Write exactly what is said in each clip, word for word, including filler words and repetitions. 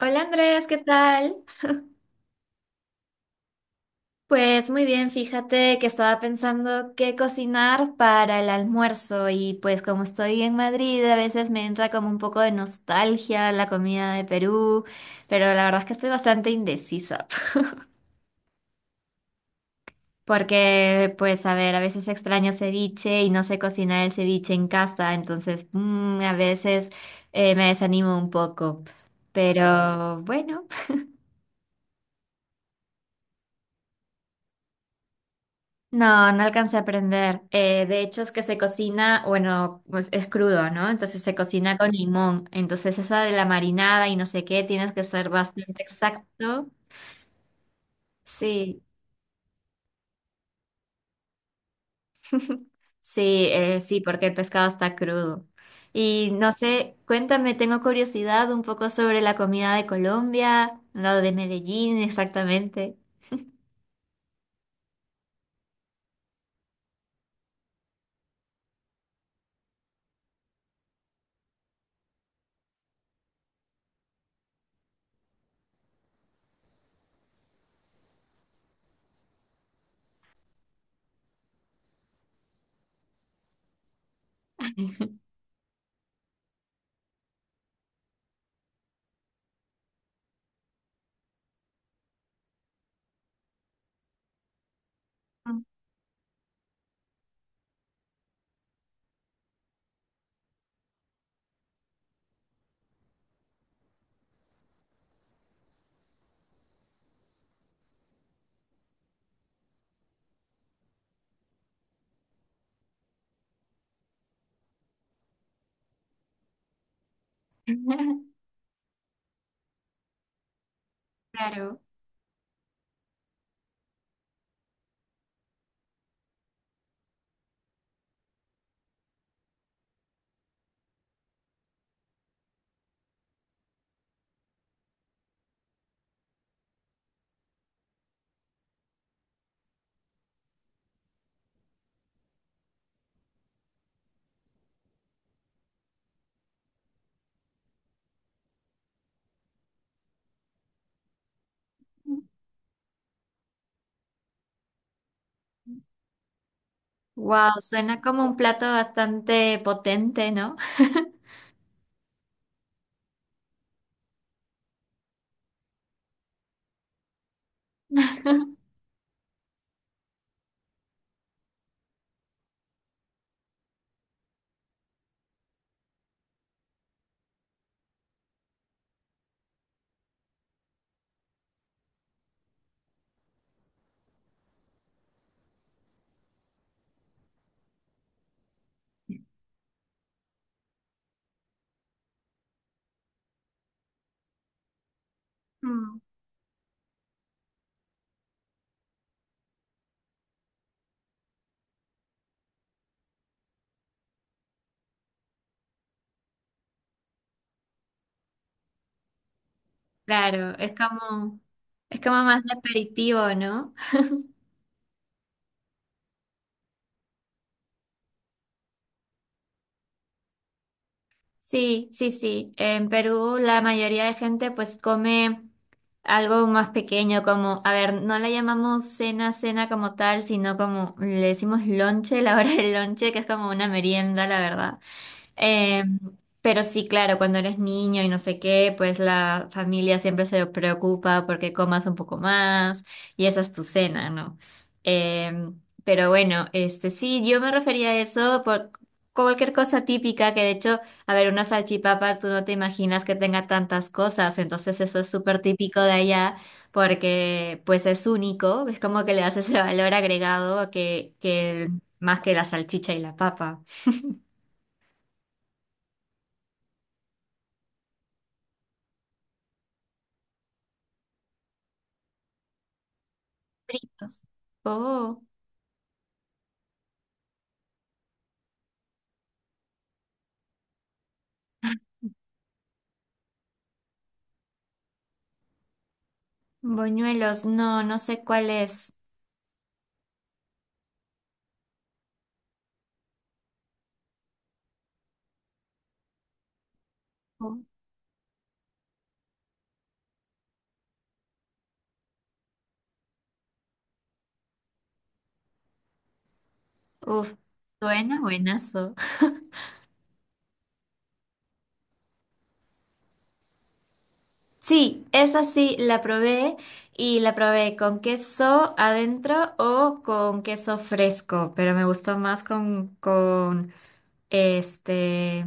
Hola Andrés, ¿qué tal? Pues muy bien, fíjate que estaba pensando qué cocinar para el almuerzo y pues como estoy en Madrid a veces me entra como un poco de nostalgia la comida de Perú, pero la verdad es que estoy bastante indecisa. Porque pues a ver, a veces extraño ceviche y no sé cocinar el ceviche en casa, entonces mm, a veces eh, me desanimo un poco, pero bueno. No, no alcancé a aprender. Eh, de hecho, es que se cocina, bueno, pues es crudo, ¿no? Entonces se cocina con limón. Entonces esa de la marinada y no sé qué, tienes que ser bastante exacto. Sí, sí, eh, sí, porque el pescado está crudo. Y no sé, cuéntame, tengo curiosidad un poco sobre la comida de Colombia, lo de Medellín exactamente. Claro. Wow, suena como un plato bastante potente, ¿no? Mm. Claro, es como, es como más de aperitivo, ¿no? Sí, sí, sí. En Perú la mayoría de gente pues come algo más pequeño, como, a ver, no le llamamos cena, cena como tal, sino como le decimos lonche, la hora del lonche, que es como una merienda, la verdad. Eh, pero sí, claro, cuando eres niño y no sé qué, pues la familia siempre se preocupa porque comas un poco más y esa es tu cena, ¿no? Eh, pero bueno, este sí, yo me refería a eso por cualquier cosa típica que de hecho, a ver, una salchipapa, tú no te imaginas que tenga tantas cosas, entonces eso es súper típico de allá porque pues es único, es como que le das ese valor agregado a que, que más que la salchicha y la papa. Fritos. Oh, boñuelos, no, no sé cuál es. Oh. Uf, suena buenazo. Sí, esa sí la probé y la probé con queso adentro o con queso fresco, pero me gustó más con, con este,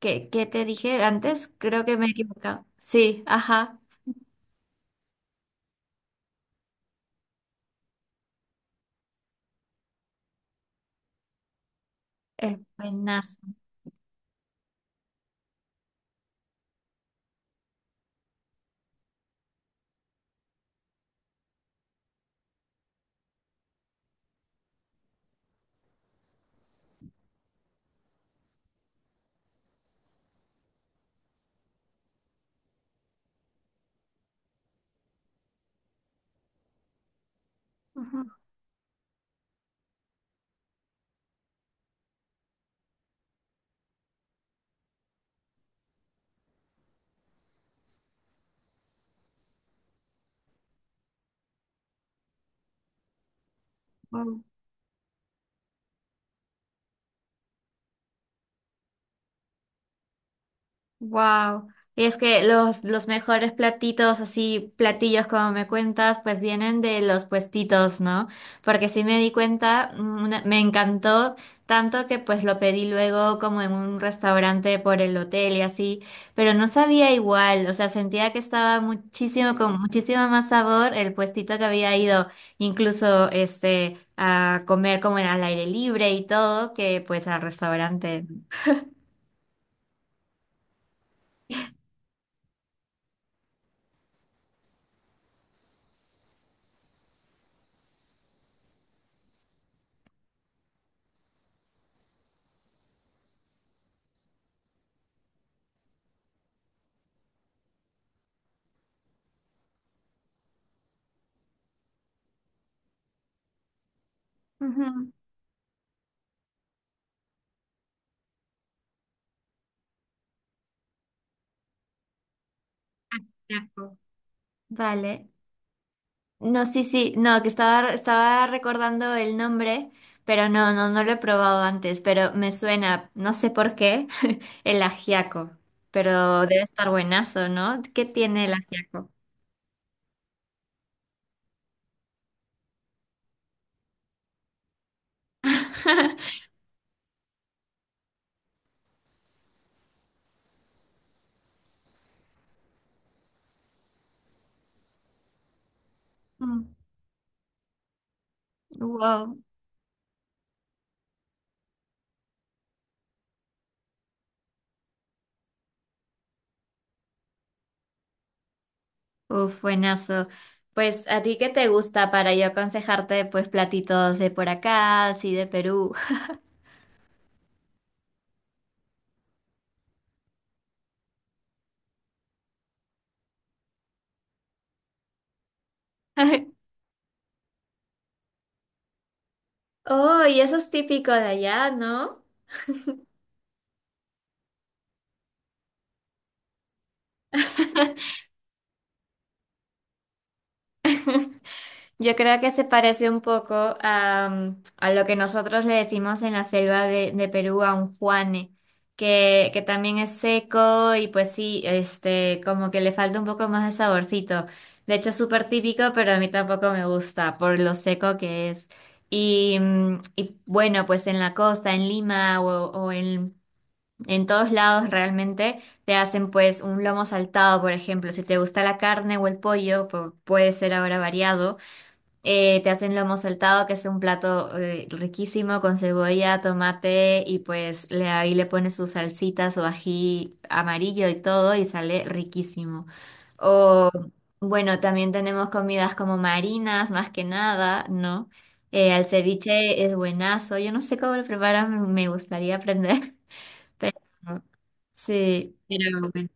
¿qué, qué te dije antes? Creo que me he equivocado. Sí, ajá, es buenazo. Ujú. Wow. Y es que los, los mejores platitos, así platillos como me cuentas, pues vienen de los puestitos, ¿no? Porque sí me di cuenta, mm, una- me encantó tanto que pues lo pedí luego como en un restaurante por el hotel y así, pero no sabía igual, o sea, sentía que estaba muchísimo, con muchísimo más sabor el puestito que había ido, incluso este, a comer como al aire libre y todo, que pues al restaurante. Ujú. Vale. No, sí, sí, no, que estaba, estaba recordando el nombre, pero no, no, no lo he probado antes, pero me suena, no sé por qué, el ajiaco, pero debe estar buenazo, ¿no? ¿Qué tiene el ajiaco? Mm, wow, uf, buenazo. Pues, ¿a ti qué te gusta para yo aconsejarte, pues, platitos de por acá, así de Perú? Oh, y eso es típico de allá, ¿no? Yo creo que se parece un poco a, a lo que nosotros le decimos en la selva de, de Perú a un juane, que, que también es seco y pues sí, este, como que le falta un poco más de saborcito. De hecho, es súper típico, pero a mí tampoco me gusta por lo seco que es. Y, mm, y bueno, pues en la costa, en Lima o, o en, en todos lados realmente te hacen pues un lomo saltado, por ejemplo. Si te gusta la carne o el pollo, pu- puede ser ahora variado. Eh, te hacen lomo saltado, que es un plato eh, riquísimo con cebolla, tomate y pues le, ahí le pones su salsita, su ají amarillo y todo y sale riquísimo. O bueno, también tenemos comidas como marinas, más que nada, ¿no? Eh, el ceviche es buenazo. Yo no sé cómo lo preparan, me gustaría aprender, pero sí, pero bueno.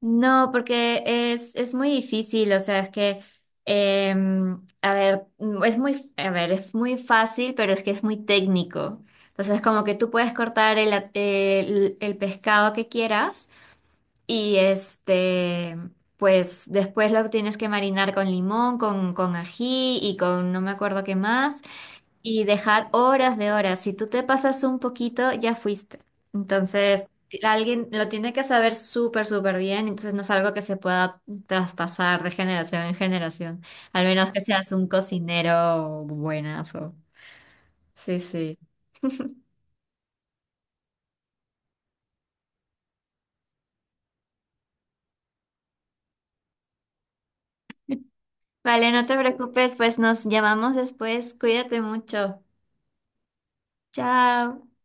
No, porque es, es muy difícil, o sea, es que, em, a ver, mm, es muy, a ver, es muy fácil, pero es que es muy técnico. Entonces, como que tú puedes cortar el, a- el, el pescado que quieras y este, pues después lo tienes que marinar con limón, con, con ají y con no me acuerdo qué más. Y dejar horas de horas. Si tú te pasas un poquito, ya fuiste. Entonces, alguien lo tiene que saber súper, súper bien. Entonces, no es algo que se pueda traspasar de generación en generación. Al menos que seas un cocinero buenazo. Sí, sí. Vale, no te preocupes, pues nos llamamos después. Cuídate mucho. Chao.